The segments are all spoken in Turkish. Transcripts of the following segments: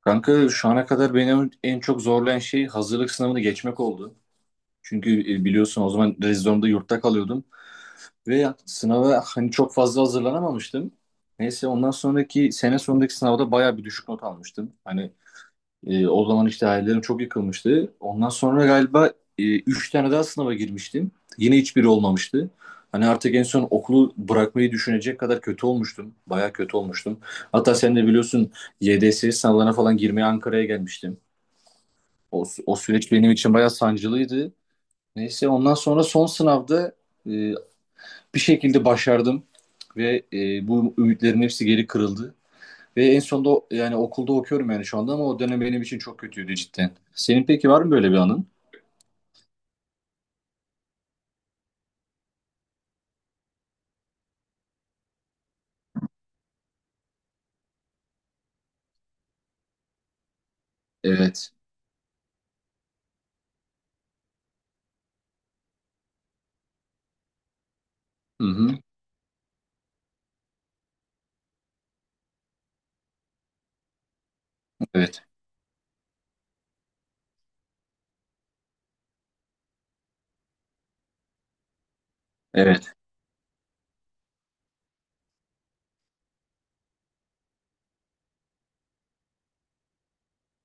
Kanka şu ana kadar beni en çok zorlayan şey hazırlık sınavını geçmek oldu. Çünkü biliyorsun o zaman rezidorumda yurtta kalıyordum ve sınava hani çok fazla hazırlanamamıştım. Neyse ondan sonraki sene sonundaki sınavda bayağı bir düşük not almıştım. Hani o zaman işte hayallerim çok yıkılmıştı. Ondan sonra galiba üç tane daha sınava girmiştim. Yine hiçbiri olmamıştı. Hani artık en son okulu bırakmayı düşünecek kadar kötü olmuştum. Bayağı kötü olmuştum. Hatta sen de biliyorsun YDS sınavlarına falan girmeye Ankara'ya gelmiştim. O süreç benim için bayağı sancılıydı. Neyse ondan sonra son sınavda e, bir şekilde başardım ve bu ümitlerin hepsi geri kırıldı. Ve en sonunda yani okulda okuyorum yani şu anda ama o dönem benim için çok kötüydü cidden. Senin peki var mı böyle bir anın? Evet. Hı hı. Evet. Evet.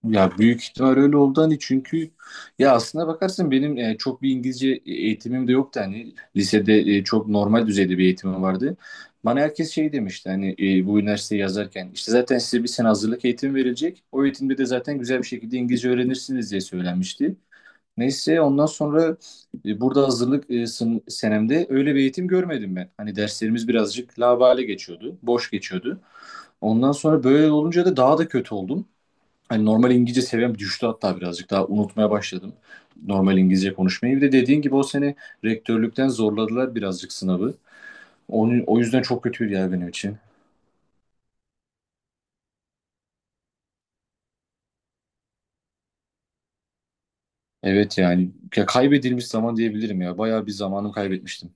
Ya büyük ihtimal öyle oldu hani çünkü ya aslına bakarsın benim çok bir İngilizce eğitimim de yoktu hani lisede çok normal düzeyde bir eğitimim vardı. Bana herkes şey demişti hani bu üniversiteyi yazarken işte zaten size bir sene hazırlık eğitimi verilecek. O eğitimde de zaten güzel bir şekilde İngilizce öğrenirsiniz diye söylenmişti. Neyse ondan sonra burada hazırlık senemde öyle bir eğitim görmedim ben. Hani derslerimiz birazcık laubali geçiyordu, boş geçiyordu. Ondan sonra böyle olunca da daha da kötü oldum. Hani normal İngilizce seviyem düştü hatta birazcık daha unutmaya başladım normal İngilizce konuşmayı. Bir de dediğin gibi o sene rektörlükten zorladılar birazcık sınavı. O yüzden çok kötüydü ya benim için. Evet yani ya kaybedilmiş zaman diyebilirim ya. Bayağı bir zamanımı kaybetmiştim.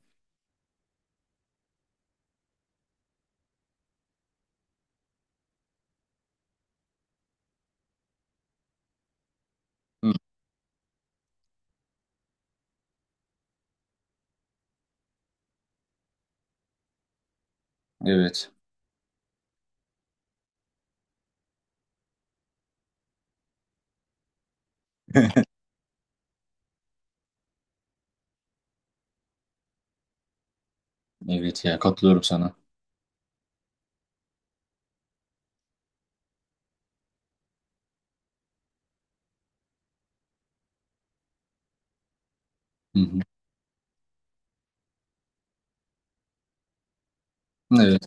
Hı, evet. Evet ya katılıyorum sana. Hı hı. Evet.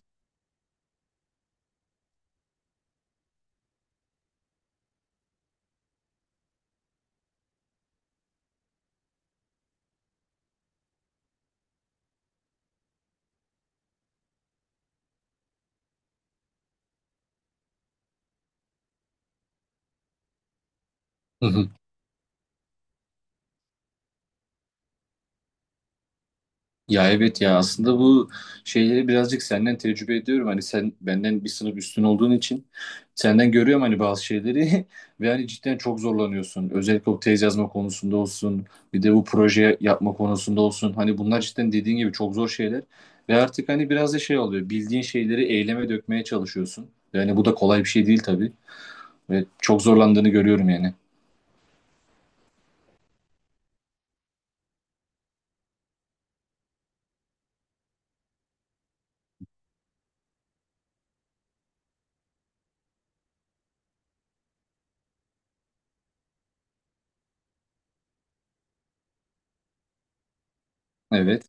Hı hı. Ya evet ya aslında bu şeyleri birazcık senden tecrübe ediyorum. Hani sen benden bir sınıf üstün olduğun için senden görüyorum hani bazı şeyleri ve hani cidden çok zorlanıyorsun. Özellikle o tez yazma konusunda olsun bir de bu proje yapma konusunda olsun. Hani bunlar cidden dediğin gibi çok zor şeyler ve artık hani biraz da şey oluyor bildiğin şeyleri eyleme dökmeye çalışıyorsun. Yani bu da kolay bir şey değil tabii ve çok zorlandığını görüyorum yani. Evet.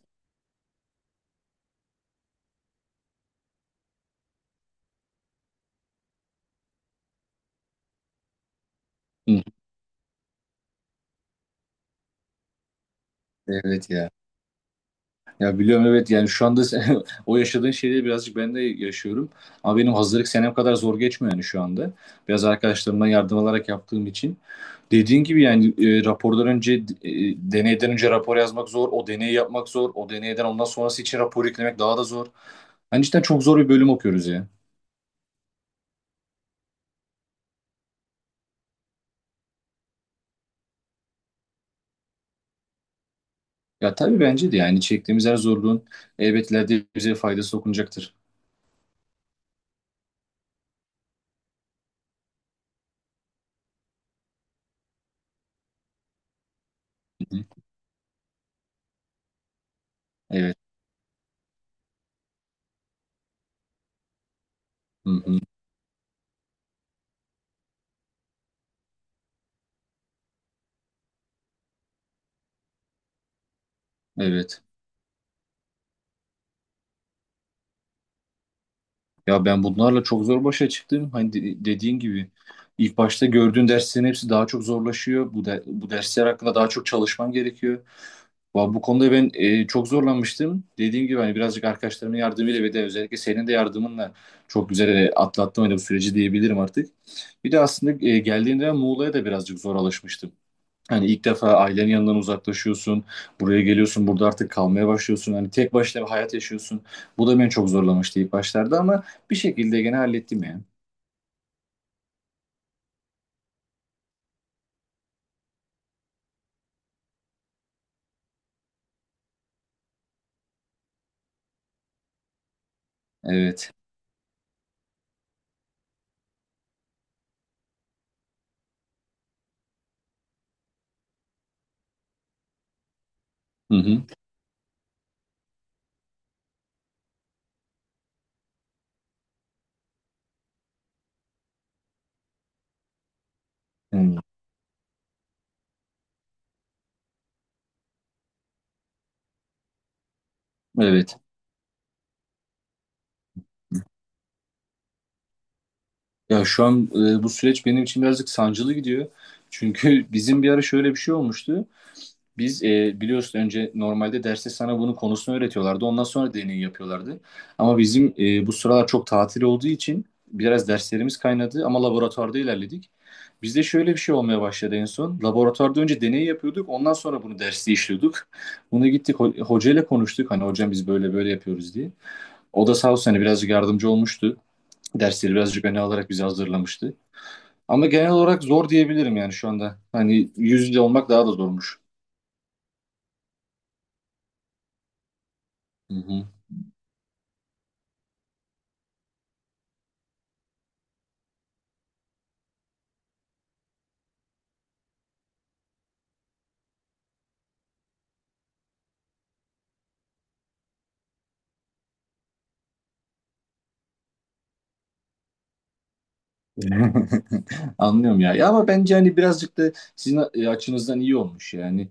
Hı. Evet ya. Ya biliyorum evet yani şu anda o yaşadığın şeyleri birazcık ben de yaşıyorum. Ama benim hazırlık senem kadar zor geçmiyor yani şu anda. Biraz arkadaşlarımdan yardım alarak yaptığım için. Dediğin gibi yani rapordan önce deneyden önce rapor yazmak zor. O deneyi yapmak zor. O deneyden ondan sonrası için rapor eklemek daha da zor. Hani cidden çok zor bir bölüm okuyoruz ya. Ya tabii bence de yani çektiğimiz her zorluğun elbet ileride bize faydası dokunacaktır. Hı hı. Evet. Hı hı. Evet. Ya ben bunlarla çok zor başa çıktım. Hani dediğin gibi ilk başta gördüğün derslerin hepsi daha çok zorlaşıyor. Bu dersler hakkında daha çok çalışman gerekiyor. Bu konuda ben çok zorlanmıştım. Dediğim gibi hani birazcık arkadaşlarımın yardımıyla ve de özellikle senin de yardımınla çok güzel atlattım hani bu süreci diyebilirim artık. Bir de aslında geldiğimde ben Muğla'ya da birazcık zor alışmıştım. Hani ilk defa ailenin yanından uzaklaşıyorsun. Buraya geliyorsun. Burada artık kalmaya başlıyorsun. Hani tek başına bir hayat yaşıyorsun. Bu da beni çok zorlamıştı ilk başlarda ama bir şekilde gene hallettim yani. Evet. Hı hı. Hmm. Evet. Ya şu an bu süreç benim için birazcık sancılı gidiyor. Çünkü bizim bir ara şöyle bir şey olmuştu. Biz biliyorsun önce normalde derste sana bunun konusunu öğretiyorlardı. Ondan sonra deney yapıyorlardı. Ama bizim bu sıralar çok tatil olduğu için biraz derslerimiz kaynadı ama laboratuvarda ilerledik. Bizde şöyle bir şey olmaya başladı en son. Laboratuvarda önce deney yapıyorduk. Ondan sonra bunu derste işliyorduk. Bunu gittik hocayla konuştuk. Hani hocam biz böyle böyle yapıyoruz diye. O da sağ olsun hani birazcık yardımcı olmuştu. Dersleri birazcık öne alarak bizi hazırlamıştı. Ama genel olarak zor diyebilirim yani şu anda. Hani yüz yüze olmak daha da zormuş. Hı hı. Anlıyorum ya. Ya ama bence hani birazcık da sizin açınızdan iyi olmuş yani.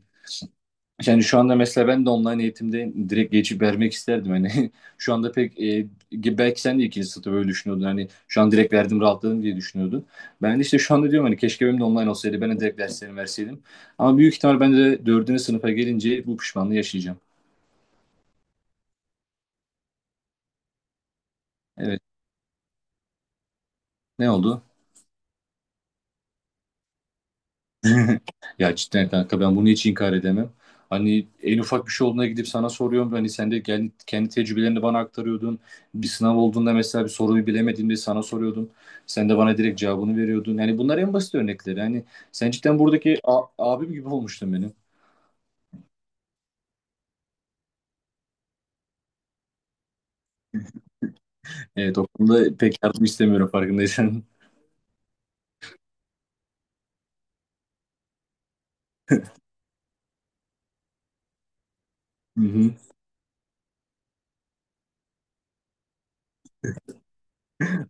Yani şu anda mesela ben de online eğitimde direkt geçip vermek isterdim. Hani şu anda pek belki sen de ikinci sınıfta böyle düşünüyordun. Hani şu an direkt verdim rahatladım diye düşünüyordun. Ben de işte şu anda diyorum hani keşke benim de online olsaydı. Ben de direkt derslerimi verseydim. Ama büyük ihtimal ben de dördüncü sınıfa gelince bu pişmanlığı yaşayacağım. Evet. Ne oldu? Ya cidden kanka ben bunu hiç inkar edemem. Hani en ufak bir şey olduğuna gidip sana soruyorum. Hani sen de kendi tecrübelerini bana aktarıyordun. Bir sınav olduğunda mesela bir soruyu bilemediğimde sana soruyordum. Sen de bana direkt cevabını veriyordun. Yani bunlar en basit örnekleri. Hani sen cidden abim gibi olmuştun benim. Evet o konuda pek yardım istemiyorum farkındaysan. Hı hı,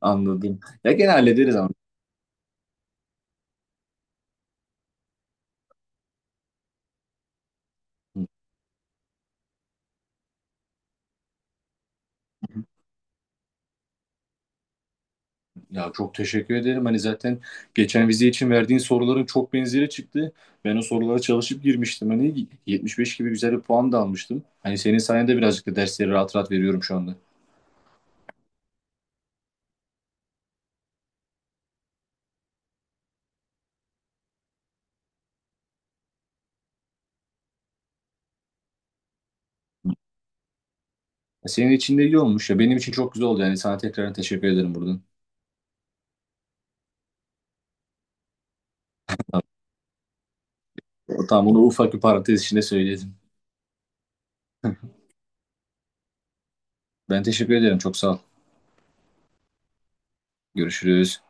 Anladım. Ya gene hallederiz ama. Ya çok teşekkür ederim. Hani zaten geçen vize için verdiğin soruların çok benzeri çıktı. Ben o sorulara çalışıp girmiştim. Hani 75 gibi güzel bir puan da almıştım. Hani senin sayende birazcık da dersleri rahat rahat veriyorum şu anda. Senin için de iyi olmuş ya. Benim için çok güzel oldu yani. Sana tekrar teşekkür ederim buradan. Tamam onu ufak bir parantez içinde söyledim. Ben teşekkür ederim. Çok sağ ol. Görüşürüz.